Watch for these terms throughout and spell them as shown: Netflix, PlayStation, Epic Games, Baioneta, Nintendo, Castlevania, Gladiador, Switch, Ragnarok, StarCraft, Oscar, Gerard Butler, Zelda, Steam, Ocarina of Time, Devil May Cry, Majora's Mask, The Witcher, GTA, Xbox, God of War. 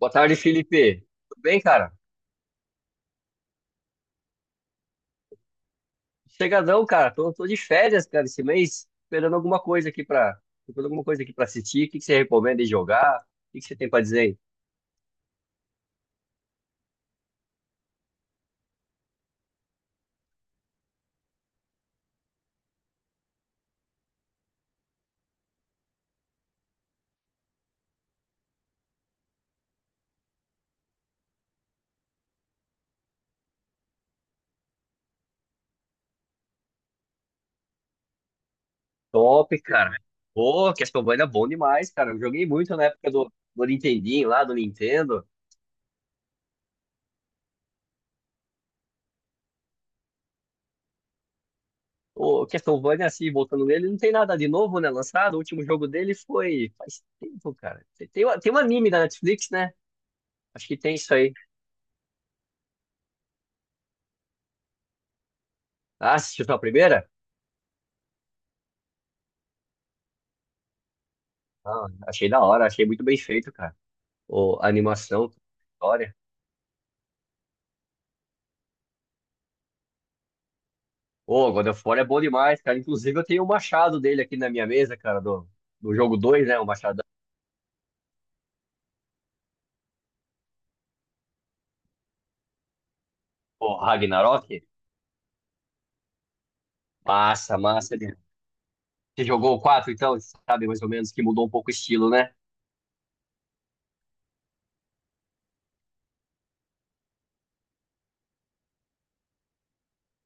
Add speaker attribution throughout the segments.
Speaker 1: Boa tarde, Felipe. Tudo bem, cara? Chegadão, cara. Tô de férias, cara, esse mês. Esperando alguma coisa aqui pra assistir. O que você recomenda de jogar? O que você tem pra dizer aí? Top, cara. Pô, Castlevania é bom demais, cara. Eu joguei muito na época do Nintendinho lá, do Nintendo. O Castlevania, assim, voltando nele, não tem nada de novo, né? Lançado. O último jogo dele foi faz tempo, cara. Tem um anime da Netflix, né? Acho que tem isso aí. Ah, assistiu só a primeira? Ah, achei da hora, achei muito bem feito, cara. Ou animação, história. Ô, God of War é bom demais, cara. Inclusive, eu tenho o machado dele aqui na minha mesa, cara, do, do jogo dois, né? O machado, pô, Ragnarok. Massa, massa. Ele... Você jogou o 4, então, você sabe mais ou menos que mudou um pouco o estilo, né?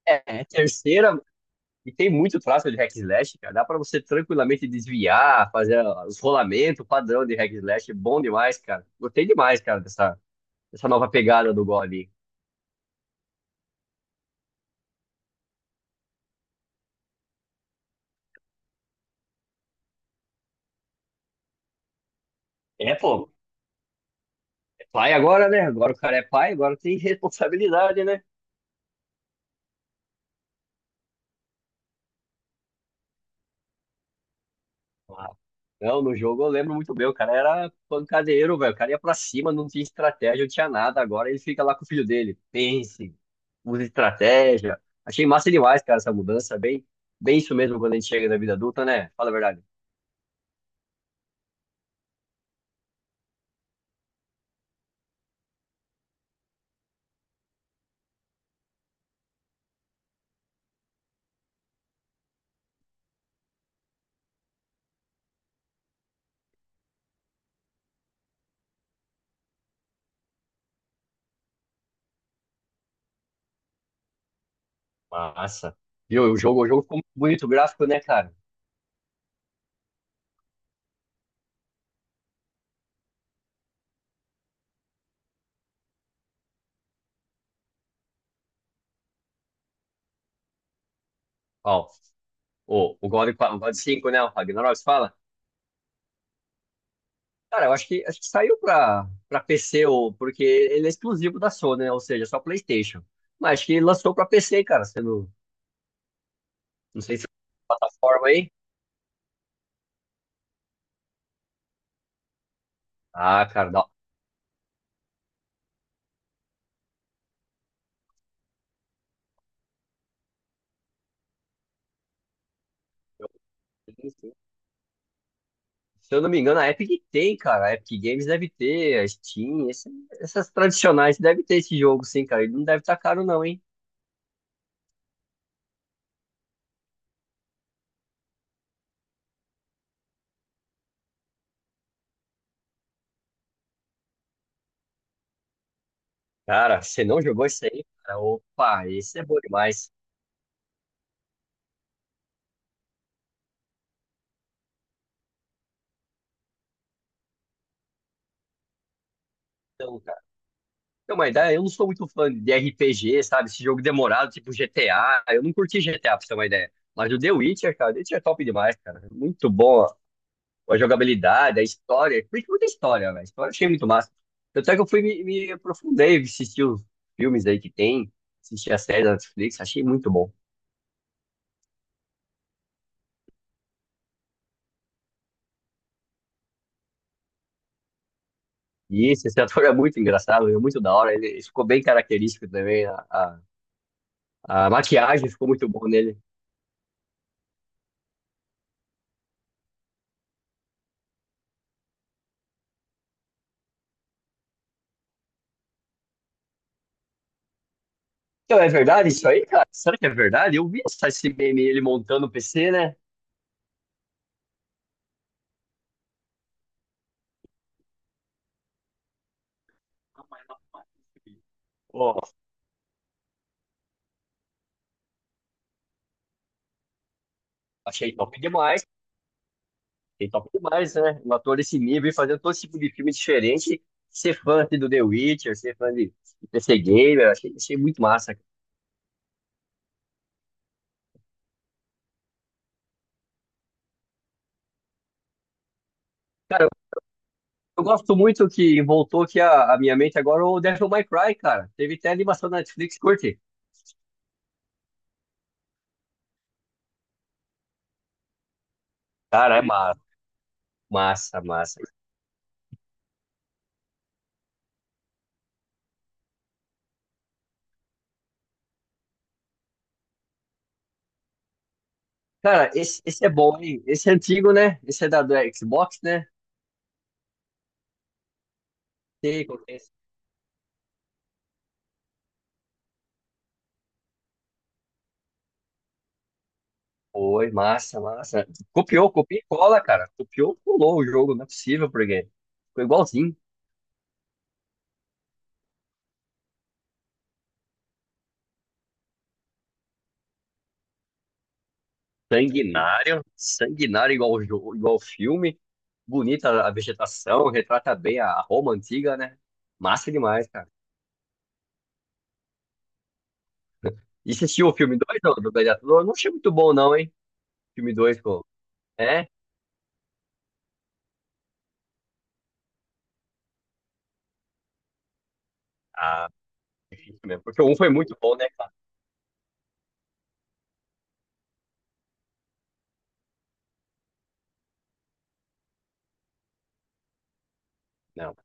Speaker 1: É, é terceira, e tem muito traço de hack and slash, cara. Dá pra você tranquilamente desviar, fazer os rolamentos padrão de hack and slash. Bom demais, cara. Gostei demais, cara, dessa nova pegada do God. É, pô, é pai agora, né? Agora o cara é pai, agora tem responsabilidade, né? Ah, não, no jogo eu lembro muito bem, o cara era pancadeiro, velho. O cara ia pra cima, não tinha estratégia, não tinha nada. Agora ele fica lá com o filho dele. Pense, use estratégia. Achei massa demais, cara, essa mudança. Bem isso mesmo quando a gente chega na vida adulta, né? Fala a verdade. Massa. Viu? O jogo ficou muito bonito, o gráfico, né, cara? Ó, o God, qua- o God 5, né? O Ragnarok, você fala? Cara, eu acho que saiu pra PC, ou, porque ele é exclusivo da Sony, né? Ou seja, só PlayStation. Mas acho que lançou pra PC, cara, sendo. Não sei se é plataforma aí. Ah, cara, dá. Se eu não me engano, a Epic tem, cara. A Epic Games deve ter, a Steam, esse- essas tradicionais deve ter esse jogo, sim, cara. Ele não deve estar caro, não, hein? Cara, você não jogou isso aí, cara? Opa, esse é bom demais. Então, cara. Então, uma ideia, eu não sou muito fã de RPG, sabe? Esse jogo demorado, tipo GTA. Eu não curti GTA, pra você ter uma ideia. Mas o The Witcher, cara, The Witcher é top demais, cara. Muito bom a jogabilidade, a história. Curti muita história, velho. A história eu achei muito massa. Tanto é que eu fui me aprofundei, assisti os filmes aí que tem, assisti a série da Netflix, achei muito bom. E esse ator é muito engraçado, é muito da hora. Ele ficou bem característico também. A, a maquiagem ficou muito boa nele. Então, é verdade isso aí, cara? Será que é verdade? Eu vi essa- esse meme ele montando o PC, né? Pô, achei top demais. Ele top demais, né? Um ator desse nível e fazendo todo tipo de filme diferente. Ser fã assim, do The Witcher, ser fã de PC Gamer, achei, achei muito massa. Cara, eu gosto muito que voltou aqui a minha mente agora o Devil May Cry, cara. Teve até animação da Netflix, curte. Cara, é massa, massa, massa. Cara, esse é bom, hein? Esse é antigo, né? Esse é da do Xbox, né? Sei qual que é esse. Foi, massa, massa. Copiou, copia e cola, cara. Copiou, pulou o jogo, não é possível, porque ficou igualzinho. Sanguinário, sanguinário igual o jo- igual o filme. Bonita a vegetação, retrata bem a Roma antiga, né? Massa demais, cara. E você assistiu o filme 2, do, do Gladiador? Não achei muito bom, não, hein? Filme dois, pô. É? Ah, isso mesmo. Porque o um foi muito bom, né, cara? Não,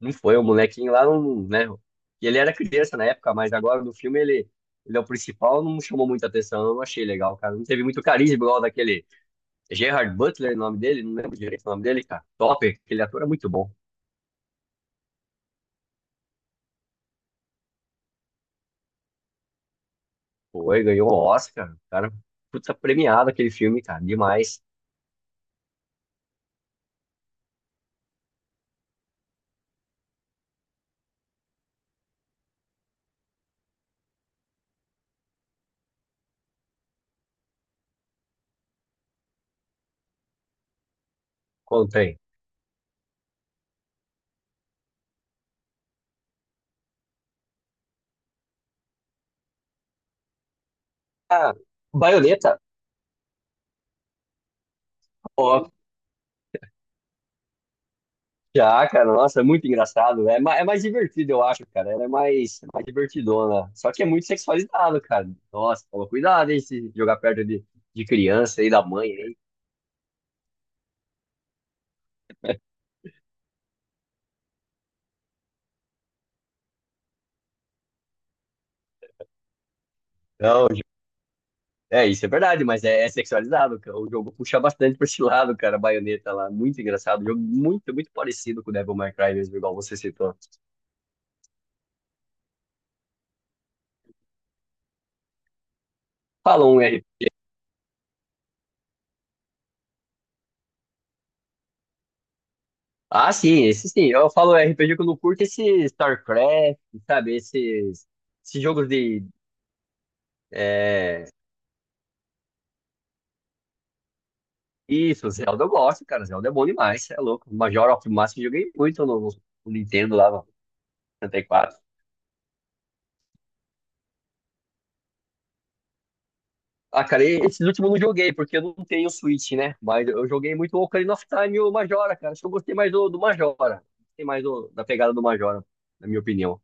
Speaker 1: não foi. O molequinho lá, não, né? Ele era criança na época, mas agora no filme ele, ele é o principal, não chamou muita atenção. Eu não achei legal, cara. Não teve muito carisma igual daquele Gerard Butler, o nome dele. Não lembro direito o nome dele, cara. Top, aquele ator é muito bom. Foi, ganhou um Oscar, cara, puta premiado aquele filme, cara, demais. Contei. Ah, Baioneta, ó, já, cara, nossa, é muito engraçado, né? É ma- é mais divertido, eu acho, cara, ela é mais divertidona, só que é muito sexualizado, cara. Nossa, toma cuidado, hein, se jogar perto de criança e da mãe, hein? Não, é, isso é verdade, mas é, é sexualizado, cara. O jogo puxa bastante pra esse lado, cara, a Baioneta lá, muito engraçado, jogo muito, muito parecido com o Devil May Cry mesmo, igual você citou. Fala um ah, sim, esse sim. Eu falo RPG que eu não curto esse StarCraft, sabe? Esses, esses jogos de. É... Isso, Zelda eu gosto, cara. Zelda é bom demais, cê é louco. Majora of Mask eu joguei muito no Nintendo lá, no 64. Ah, cara, e esses últimos eu não joguei, porque eu não tenho Switch, né? Mas eu joguei muito o Ocarina of Time e o Majora, cara. Acho que eu gostei mais do Majora. Gostei mais do- da pegada do Majora, na minha opinião.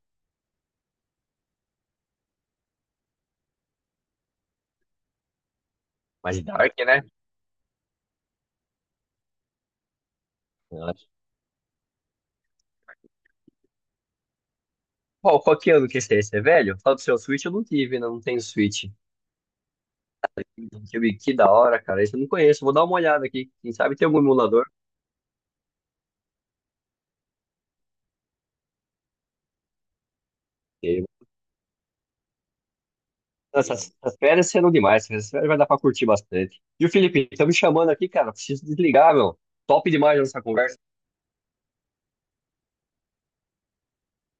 Speaker 1: Mas Dark, né? Qual que ano que esse é? Esse é velho? Fala do seu Switch, eu não tive, né? Não tenho Switch. Deixa eu ver, que da hora, cara. Isso eu não conheço. Vou dar uma olhada aqui. Quem sabe tem algum emulador. Porque essas férias serão demais. Essas férias vai dar pra curtir bastante. E o Felipe, tá me chamando aqui, cara. Preciso desligar, meu. Top demais essa conversa.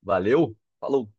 Speaker 1: Valeu. Falou.